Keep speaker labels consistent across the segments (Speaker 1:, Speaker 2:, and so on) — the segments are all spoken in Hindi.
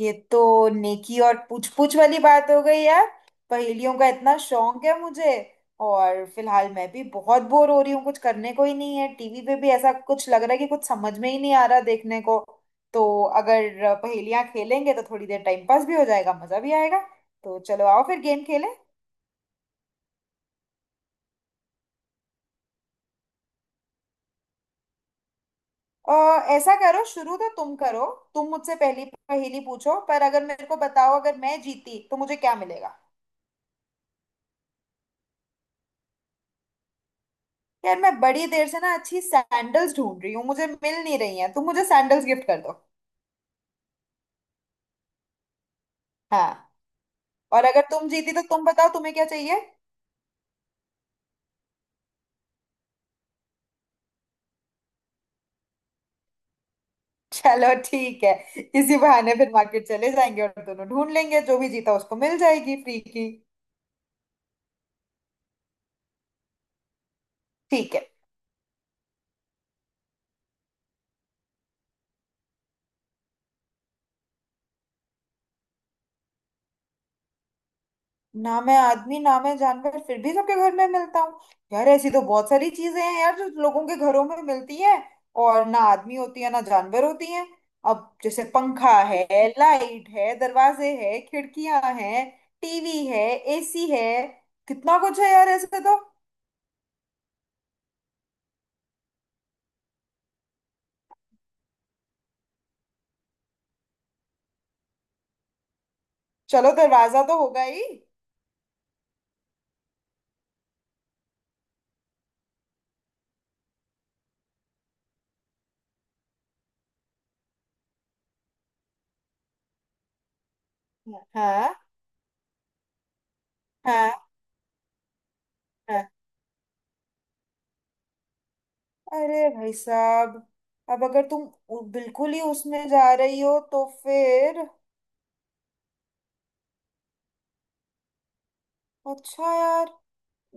Speaker 1: ये तो नेकी और पूछ पूछ वाली बात हो गई यार। पहेलियों का इतना शौक है मुझे। और फिलहाल मैं भी बहुत बोर हो रही हूँ, कुछ करने को ही नहीं है। टीवी पे भी ऐसा कुछ लग रहा है कि कुछ समझ में ही नहीं आ रहा देखने को। तो अगर पहेलियाँ खेलेंगे तो थोड़ी देर टाइम पास भी हो जाएगा, मजा भी आएगा। तो चलो आओ फिर गेम खेलें। अ, ऐसा करो, शुरू तो तुम करो। तुम मुझसे पहली पहेली पूछो, पर अगर मेरे को बताओ, अगर मैं जीती तो मुझे क्या मिलेगा। यार, मैं बड़ी देर से ना अच्छी सैंडल्स ढूंढ रही हूँ, मुझे मिल नहीं रही हैं। तुम मुझे सैंडल्स गिफ्ट कर दो। हाँ। और अगर तुम जीती तो तुम बताओ तुम्हें क्या चाहिए। चलो ठीक है। इसी बहाने फिर मार्केट चले जाएंगे और दोनों ढूंढ लेंगे, जो भी जीता उसको मिल जाएगी फ्री की। ठीक है। ना मैं आदमी, ना मैं जानवर, फिर भी सबके घर में मिलता हूँ। यार, ऐसी तो बहुत सारी चीजें हैं यार, जो लोगों के घरों में मिलती है और ना आदमी होती है ना जानवर होती है। अब जैसे पंखा है, लाइट है, दरवाजे है, खिड़कियां हैं, टीवी है, एसी है। कितना कुछ है यार ऐसे तो। चलो दरवाजा तो होगा ही। हाँ। हाँ। हाँ। अरे भाई साहब, अब अगर तुम बिल्कुल ही उसमें जा रही हो तो फिर। अच्छा यार,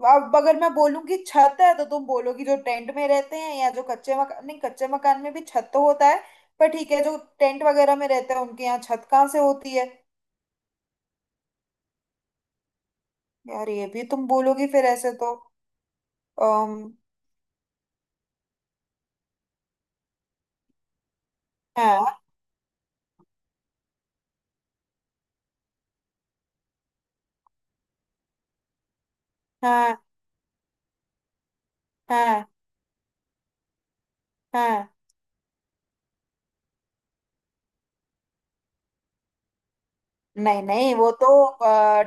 Speaker 1: अब अगर मैं बोलूंगी छत है तो तुम बोलोगी जो टेंट में रहते हैं, या जो कच्चे मकान, नहीं, कच्चे मकान में भी छत तो होता है। पर ठीक है, जो टेंट वगैरह में रहते हैं उनके यहाँ छत कहाँ से होती है। यार ये भी तुम बोलोगी फिर ऐसे तो। अम, हाँ। हाँ। हाँ। हाँ। नहीं नहीं, वो तो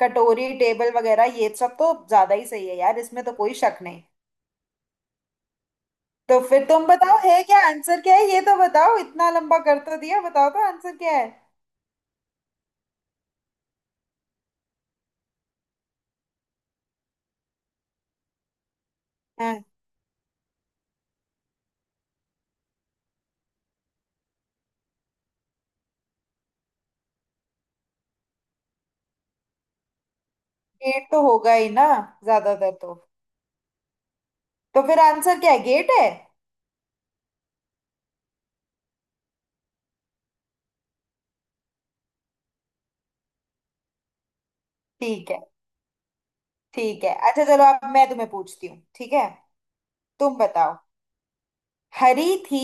Speaker 1: कटोरी, टेबल वगैरह ये सब तो ज्यादा ही सही है यार, इसमें तो कोई शक नहीं। तो फिर तुम बताओ है क्या आंसर, क्या है ये तो बताओ, इतना लंबा कर तो दिया, बताओ तो आंसर क्या है। हाँ। गेट तो होगा ही ना, ज्यादातर तो। तो फिर आंसर क्या है, गेट है? ठीक है। ठीक है, अच्छा चलो अब मैं तुम्हें पूछती हूँ, ठीक है? तुम बताओ। हरी थी,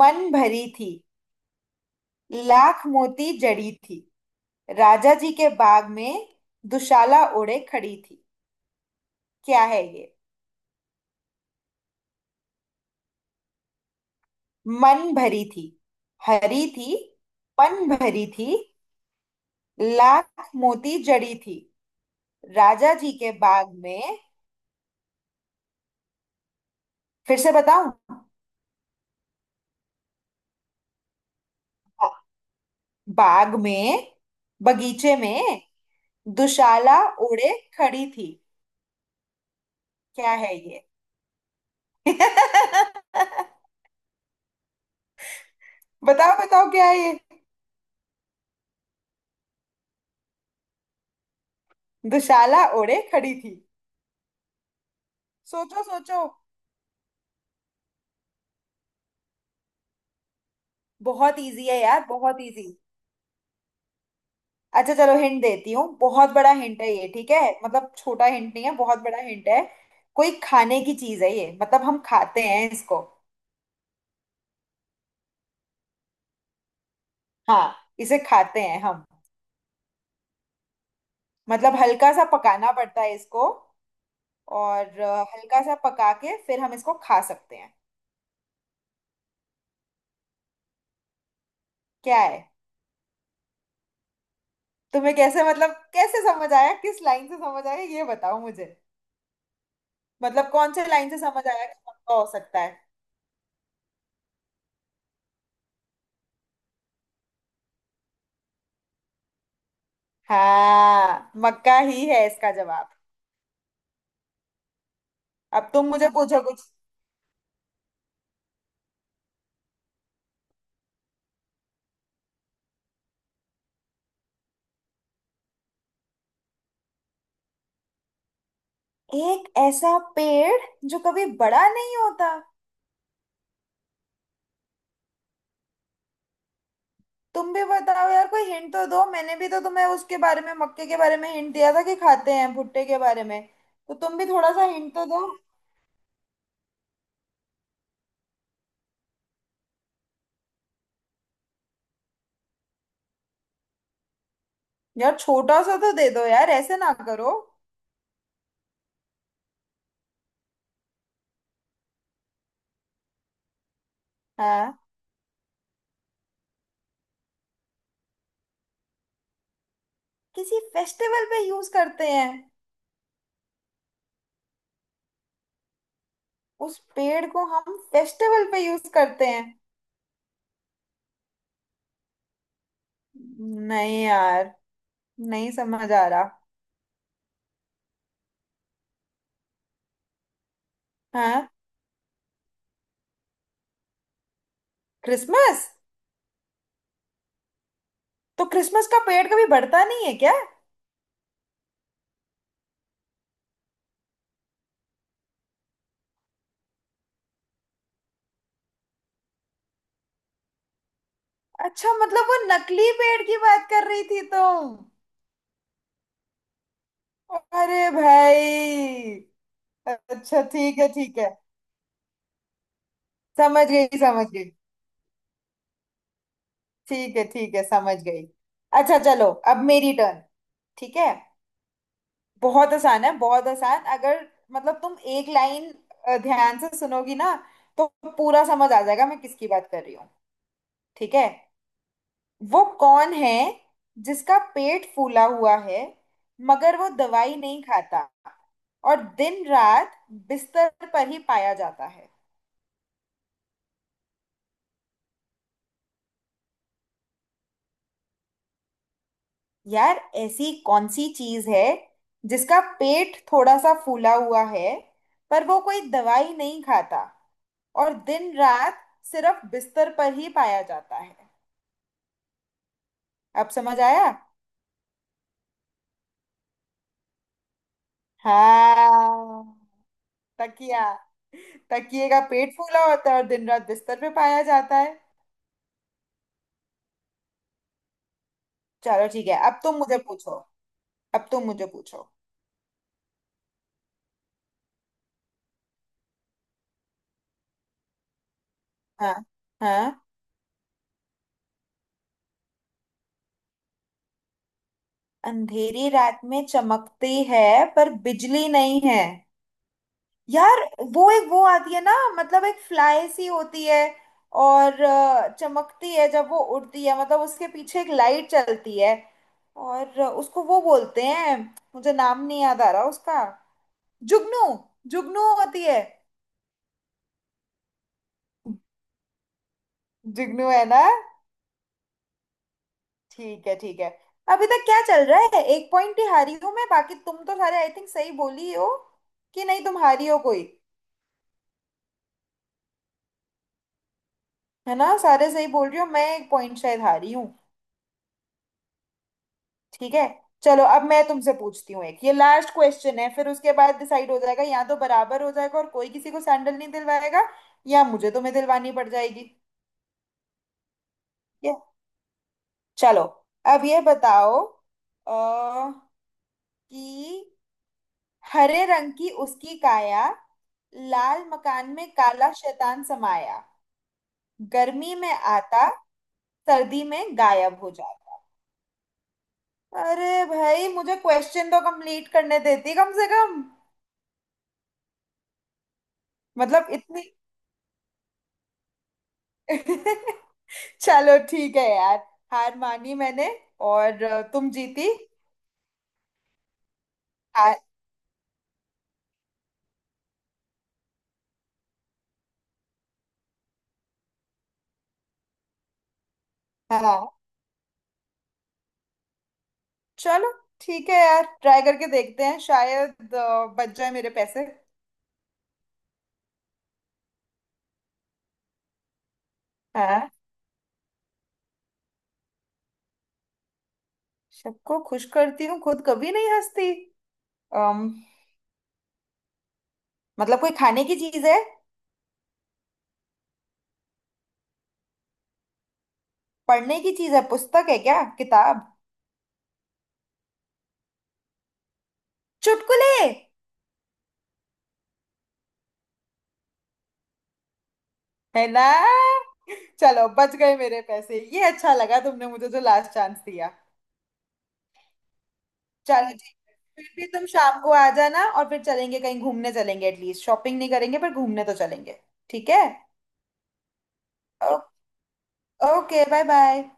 Speaker 1: मन भरी थी, लाख मोती जड़ी थी, राजा जी के बाग में दुशाला ओढ़े खड़ी थी। क्या है ये? मन भरी थी। हरी थी, मन भरी थी। लाख मोती जड़ी थी, राजा जी के बाग में। फिर से बताऊं? बाग में, बगीचे में। दुशाला ओढ़े खड़ी थी। क्या है ये? बताओ बताओ, क्या है ये? दुशाला ओढ़े खड़ी थी। सोचो सोचो। बहुत इजी है यार, बहुत इजी। अच्छा चलो हिंट देती हूँ। बहुत बड़ा हिंट है ये, ठीक है, मतलब छोटा हिंट नहीं है, बहुत बड़ा हिंट है। कोई खाने की चीज है ये, मतलब हम खाते हैं इसको। हाँ, इसे खाते हैं हम। मतलब हल्का सा पकाना पड़ता है इसको। और हल्का सा पका के फिर हम इसको खा सकते हैं। क्या है? तुम्हें कैसे, मतलब कैसे समझ आया, किस लाइन से समझ आया, ये बताओ मुझे। मतलब कौन से लाइन से समझ आया कि मक्का हो सकता है? हाँ, मक्का ही है इसका जवाब। अब तुम मुझे पूछो कुछ। एक ऐसा पेड़ जो कभी बड़ा नहीं होता। तुम भी बताओ यार, कोई हिंट तो दो। मैंने भी तो तुम्हें उसके बारे में, मक्के के बारे में हिंट दिया था कि खाते हैं, भुट्टे के बारे में। तो तुम भी थोड़ा सा हिंट तो दो। यार छोटा सा तो दे दो यार, ऐसे ना करो। हाँ। किसी फेस्टिवल पे यूज करते हैं? उस पेड़ को हम फेस्टिवल पे यूज करते हैं? नहीं यार, नहीं समझ आ रहा। हाँ। क्रिसमस। तो क्रिसमस का पेड़ कभी बढ़ता नहीं है क्या? अच्छा, मतलब वो नकली पेड़ की बात कर रही थी तुम। अरे भाई। अच्छा ठीक है ठीक है, समझ गई समझ गई। ठीक है ठीक है, समझ गई। अच्छा चलो अब मेरी टर्न। ठीक है। बहुत आसान है, बहुत आसान। अगर मतलब तुम एक लाइन ध्यान से सुनोगी ना, तो पूरा समझ आ जाएगा मैं किसकी बात कर रही हूँ। ठीक है। वो कौन है जिसका पेट फूला हुआ है, मगर वो दवाई नहीं खाता, और दिन रात बिस्तर पर ही पाया जाता है? यार, ऐसी कौन सी चीज है जिसका पेट थोड़ा सा फूला हुआ है, पर वो कोई दवाई नहीं खाता, और दिन रात सिर्फ बिस्तर पर ही पाया जाता है? अब समझ आया? हाँ, तकिया। तकिए का पेट फूला होता है और दिन रात बिस्तर पे पाया जाता है। चलो ठीक है, अब तुम मुझे पूछो। अब तुम मुझे पूछो। हाँ। हाँ। अंधेरी रात में चमकती है, पर बिजली नहीं है। यार, वो एक वो आती है ना, मतलब एक फ्लाई सी होती है, और चमकती है जब वो उड़ती है, मतलब उसके पीछे एक लाइट चलती है। और उसको वो बोलते हैं, मुझे नाम नहीं याद आ रहा उसका। जुगनू, जुगनू होती है। जुगनू है ना? ठीक है ठीक है। अभी तक क्या चल रहा है, एक पॉइंट ही हारी हूं मैं, बाकी तुम तो सारे आई थिंक सही बोली हो। कि नहीं, तुम हारी हो कोई? है ना, सारे सही बोल रही हो, मैं एक पॉइंट शायद हारी हूँ। ठीक है। चलो अब मैं तुमसे पूछती हूँ, एक ये लास्ट क्वेश्चन है। फिर उसके बाद डिसाइड हो जाएगा, या तो बराबर हो जाएगा और कोई किसी को सैंडल नहीं दिलवाएगा, या मुझे तुम्हें दिलवानी पड़ जाएगी। ठीक है। चलो। अब ये बताओ अ, कि हरे रंग की उसकी काया, लाल मकान में काला शैतान समाया, गर्मी में आता, सर्दी में गायब हो जाता। अरे भाई, मुझे क्वेश्चन तो कंप्लीट करने देती कम से कम। मतलब इतनी। चलो ठीक है यार, हार मानी मैंने। और तुम जीती। हार। हाँ चलो ठीक है यार, ट्राई करके देखते हैं, शायद बच जाए मेरे पैसे। हाँ। सबको खुश करती हूँ, खुद कभी नहीं हंसती। मतलब कोई खाने की चीज है? पढ़ने की चीज है, पुस्तक है क्या, किताब? चुटकुले। है ना? चलो बच गए मेरे पैसे। ये अच्छा लगा, तुमने मुझे जो लास्ट चांस दिया। चलो जी। फिर भी तुम शाम को आ जाना और फिर चलेंगे कहीं घूमने चलेंगे, एटलीस्ट शॉपिंग नहीं करेंगे पर घूमने तो चलेंगे। ठीक है। ओ, ओके बाय बाय।